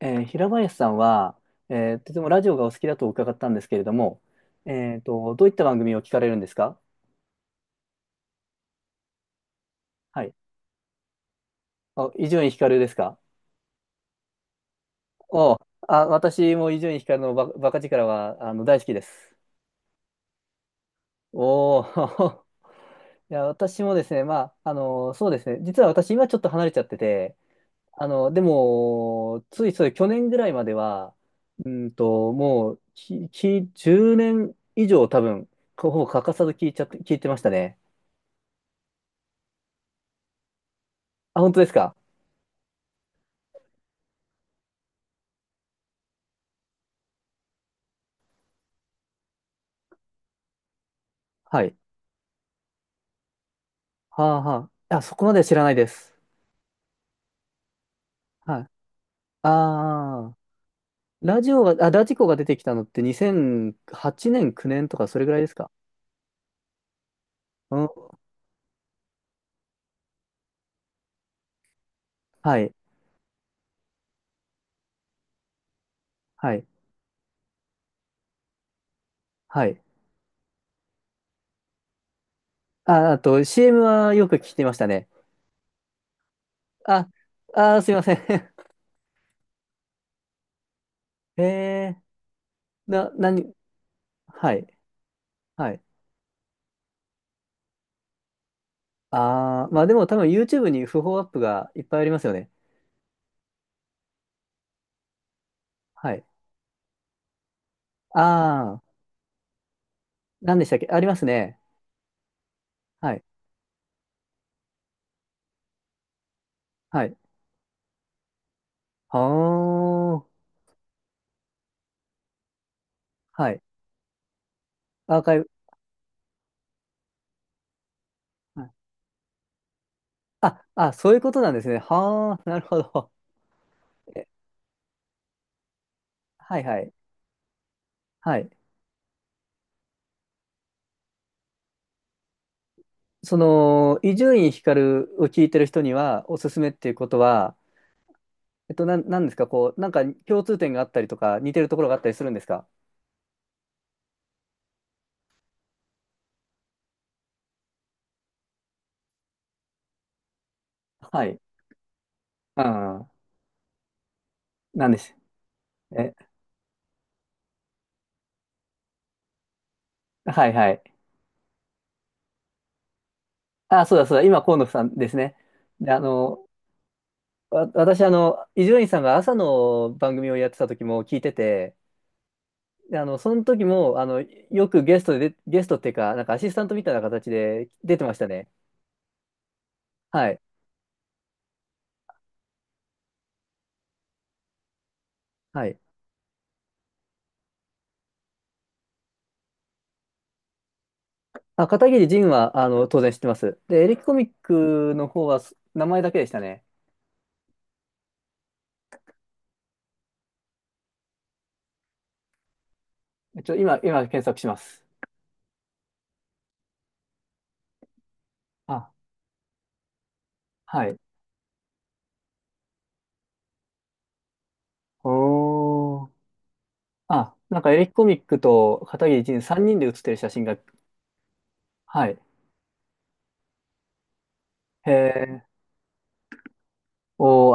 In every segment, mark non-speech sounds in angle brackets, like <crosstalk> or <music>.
平林さんは、とてもラジオがお好きだと伺ったんですけれども、どういった番組を聞かれるんですか？はい。あ、伊集院光ですか？お。あ、私も伊集院光のバカ力は大好きです。おー。 <laughs> いや、私もですね、まあ、そうですね、実は私今ちょっと離れちゃってて、でも、ついそう去年ぐらいまでは、もう、10年以上多分、ほぼ欠かさず聞いてましたね。あ、本当ですか？はい。はあはあ。あ、そこまでは知らないです。はい。ああ、ラジコが出てきたのって2008年、9年とかそれぐらいですか？うん。はい。はい。はい。あ、あと CM はよく聞いてましたね。あ、すいません。<laughs> へえ、なに、はい。はい。ああ、まあでも多分 YouTube に不法アップがいっぱいありますよね。はい。ああ、何でしたっけありますね。はい。はい。はあ、はい。アーカイブ。あ、そういうことなんですね。はあ、なるほど。え、はいはい。はい。その、伊集院光を聞いてる人にはおすすめっていうことは、なんですか、こう、なんか共通点があったりとか、似てるところがあったりするんですか？はい。うん。なんです。え、はいはい。あ、そうだそうだ。今、河野さんですね。で、私、伊集院さんが朝の番組をやってた時も聞いてて、でその時も、よくゲストで、ゲストっていうか、なんかアシスタントみたいな形で出てましたね。はい。はい。あ、片桐仁は、当然知ってます。で、エレキコミックの方は、名前だけでしたね。今検索します。あ、はい。おー。あ、なんかエレキコミックと片桐仁3人で写ってる写真が、はい。へえ。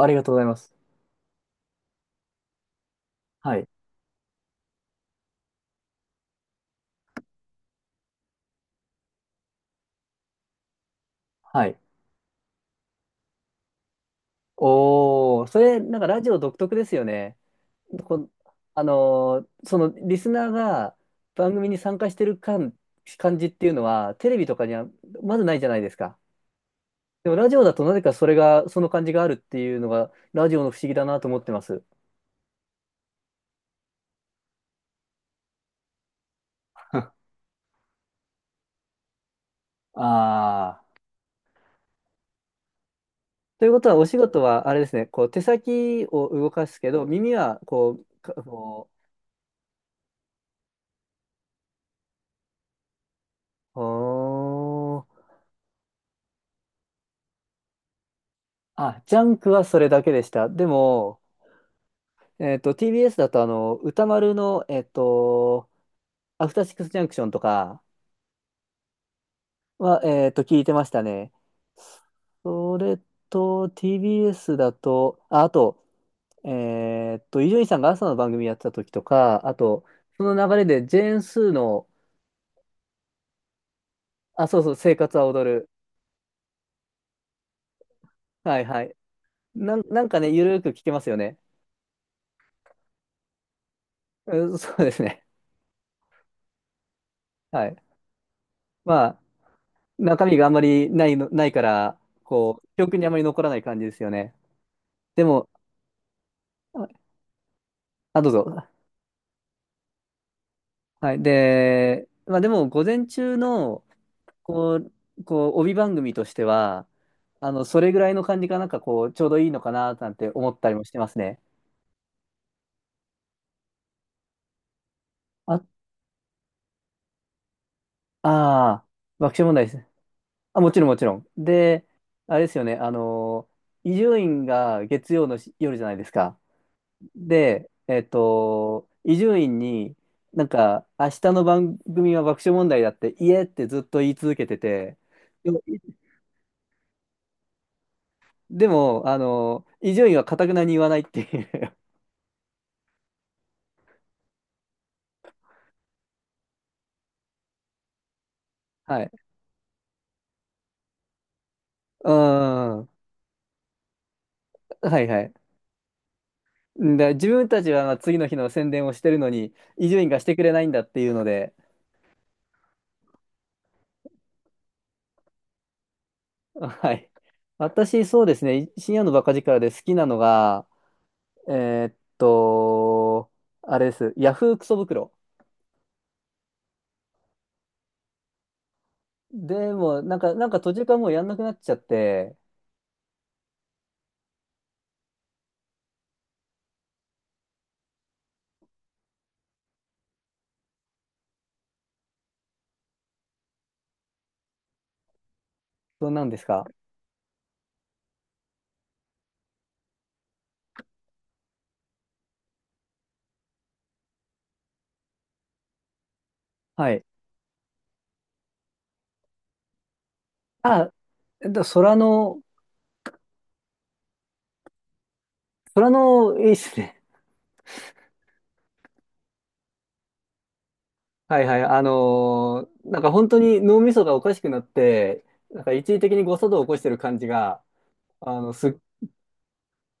おー、ありがとうございます。はい。はい。おー、それ、なんかラジオ独特ですよね。こ、そのリスナーが番組に参加してる感じっていうのは、テレビとかにはまずないじゃないですか。でもラジオだとなぜかそれが、その感じがあるっていうのが、ラジオの不思議だなと思ってます。<laughs> ああ、ということは、お仕事はあれですね、こう手先を動かすけど、耳はこう、かこう、おー。あ、ジャンクはそれだけでした。でも、TBS だと歌丸の、アフターシックスジャンクションとか、は、えっと、聞いてましたね。それと、TBS だと、あ、あと、伊集院さんが朝の番組やってた時とか、あと、その流れで、ジェーン・スーの、あ、そうそう、生活は踊る。はいはい。なんかね、ゆるーく聞けますよね。うん、そうですね。はい。まあ、中身があんまりないの、ないから、こう、記憶にあまり残らない感じですよね。でも、あ、あ、どうぞ。はい。で、まあでも、午前中の、こう、帯番組としては、それぐらいの感じがなんかこう、ちょうどいいのかな、なんて思ったりもしてますね。あ、ああ、爆笑問題です。あ、もちろんもちろん。で、あれですよね、伊集院が月曜の夜じゃないですか。で、伊集院に、なんか、明日の番組は爆笑問題だって、いえってずっと言い続けてて、でも、でも、伊集院はかたくなに言わないっていう。<laughs> はい。うん。はいはい。んで自分たちはまあ次の日の宣伝をしてるのに、伊集院がしてくれないんだっていうので、<laughs> はい。私、そうですね、深夜のバカ力で好きなのが、えーっと、あれです、ヤフークソ袋。でも、なんか途中からもうやんなくなっちゃって、そうなんですか。はい。あ、えっと、空の、空の、いいっすね。はいはい。なんか本当に脳みそがおかしくなって、なんか一時的に誤作動を起こしてる感じが、あの、すっ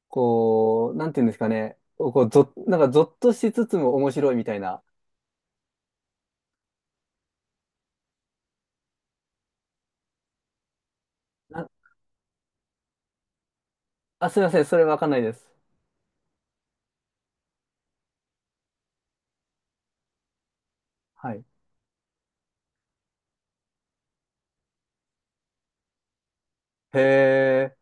こう、なんていうんですかね、こう、なんか、ぞっとしつつも面白いみたいな。な、あ、すいません、それわかんないです。はい。へえ、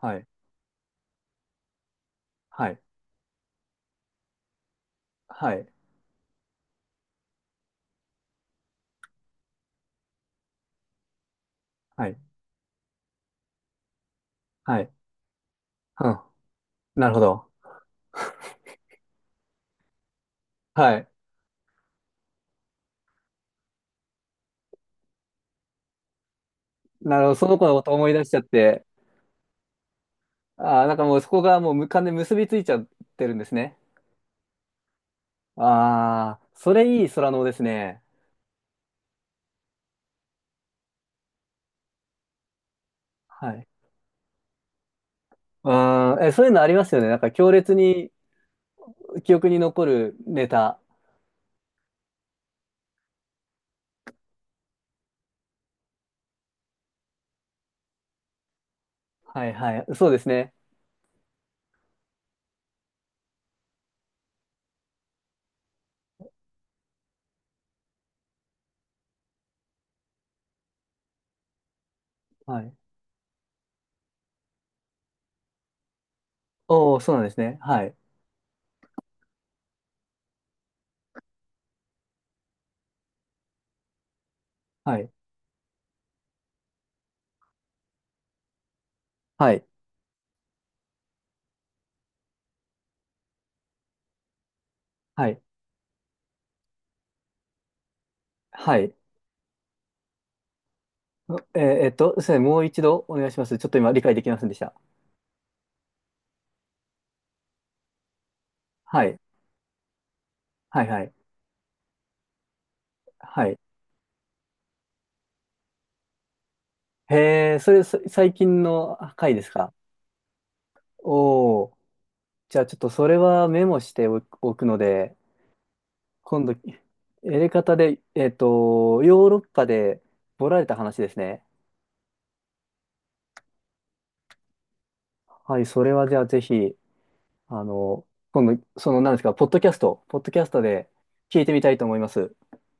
はい、はい、はい、はい、はい。うん、なるほど。はい。なるほど、その子のこと思い出しちゃって、あー、なんかもうそこがもう無関で結びついちゃってるんですね。ああ、それいい空能ですね。はい。あーえ、そういうのありますよね。なんか強烈に記憶に残るネタ。はいはい。そうですね。はい。おー、そうなんですね。はい。はい。はい。はい。はい。すいませんもう一度お願いします。ちょっと今理解できませんでした。はい。はい、はい。はい。へえ、それ、最近の回ですか？おー。じゃあちょっとそれはメモしておくので、今度、やり方で、ヨーロッパでボラれた話ですね。はい、それはじゃあぜひ、あの、今度、何ですか、ポッドキャストで聞いてみたいと思います。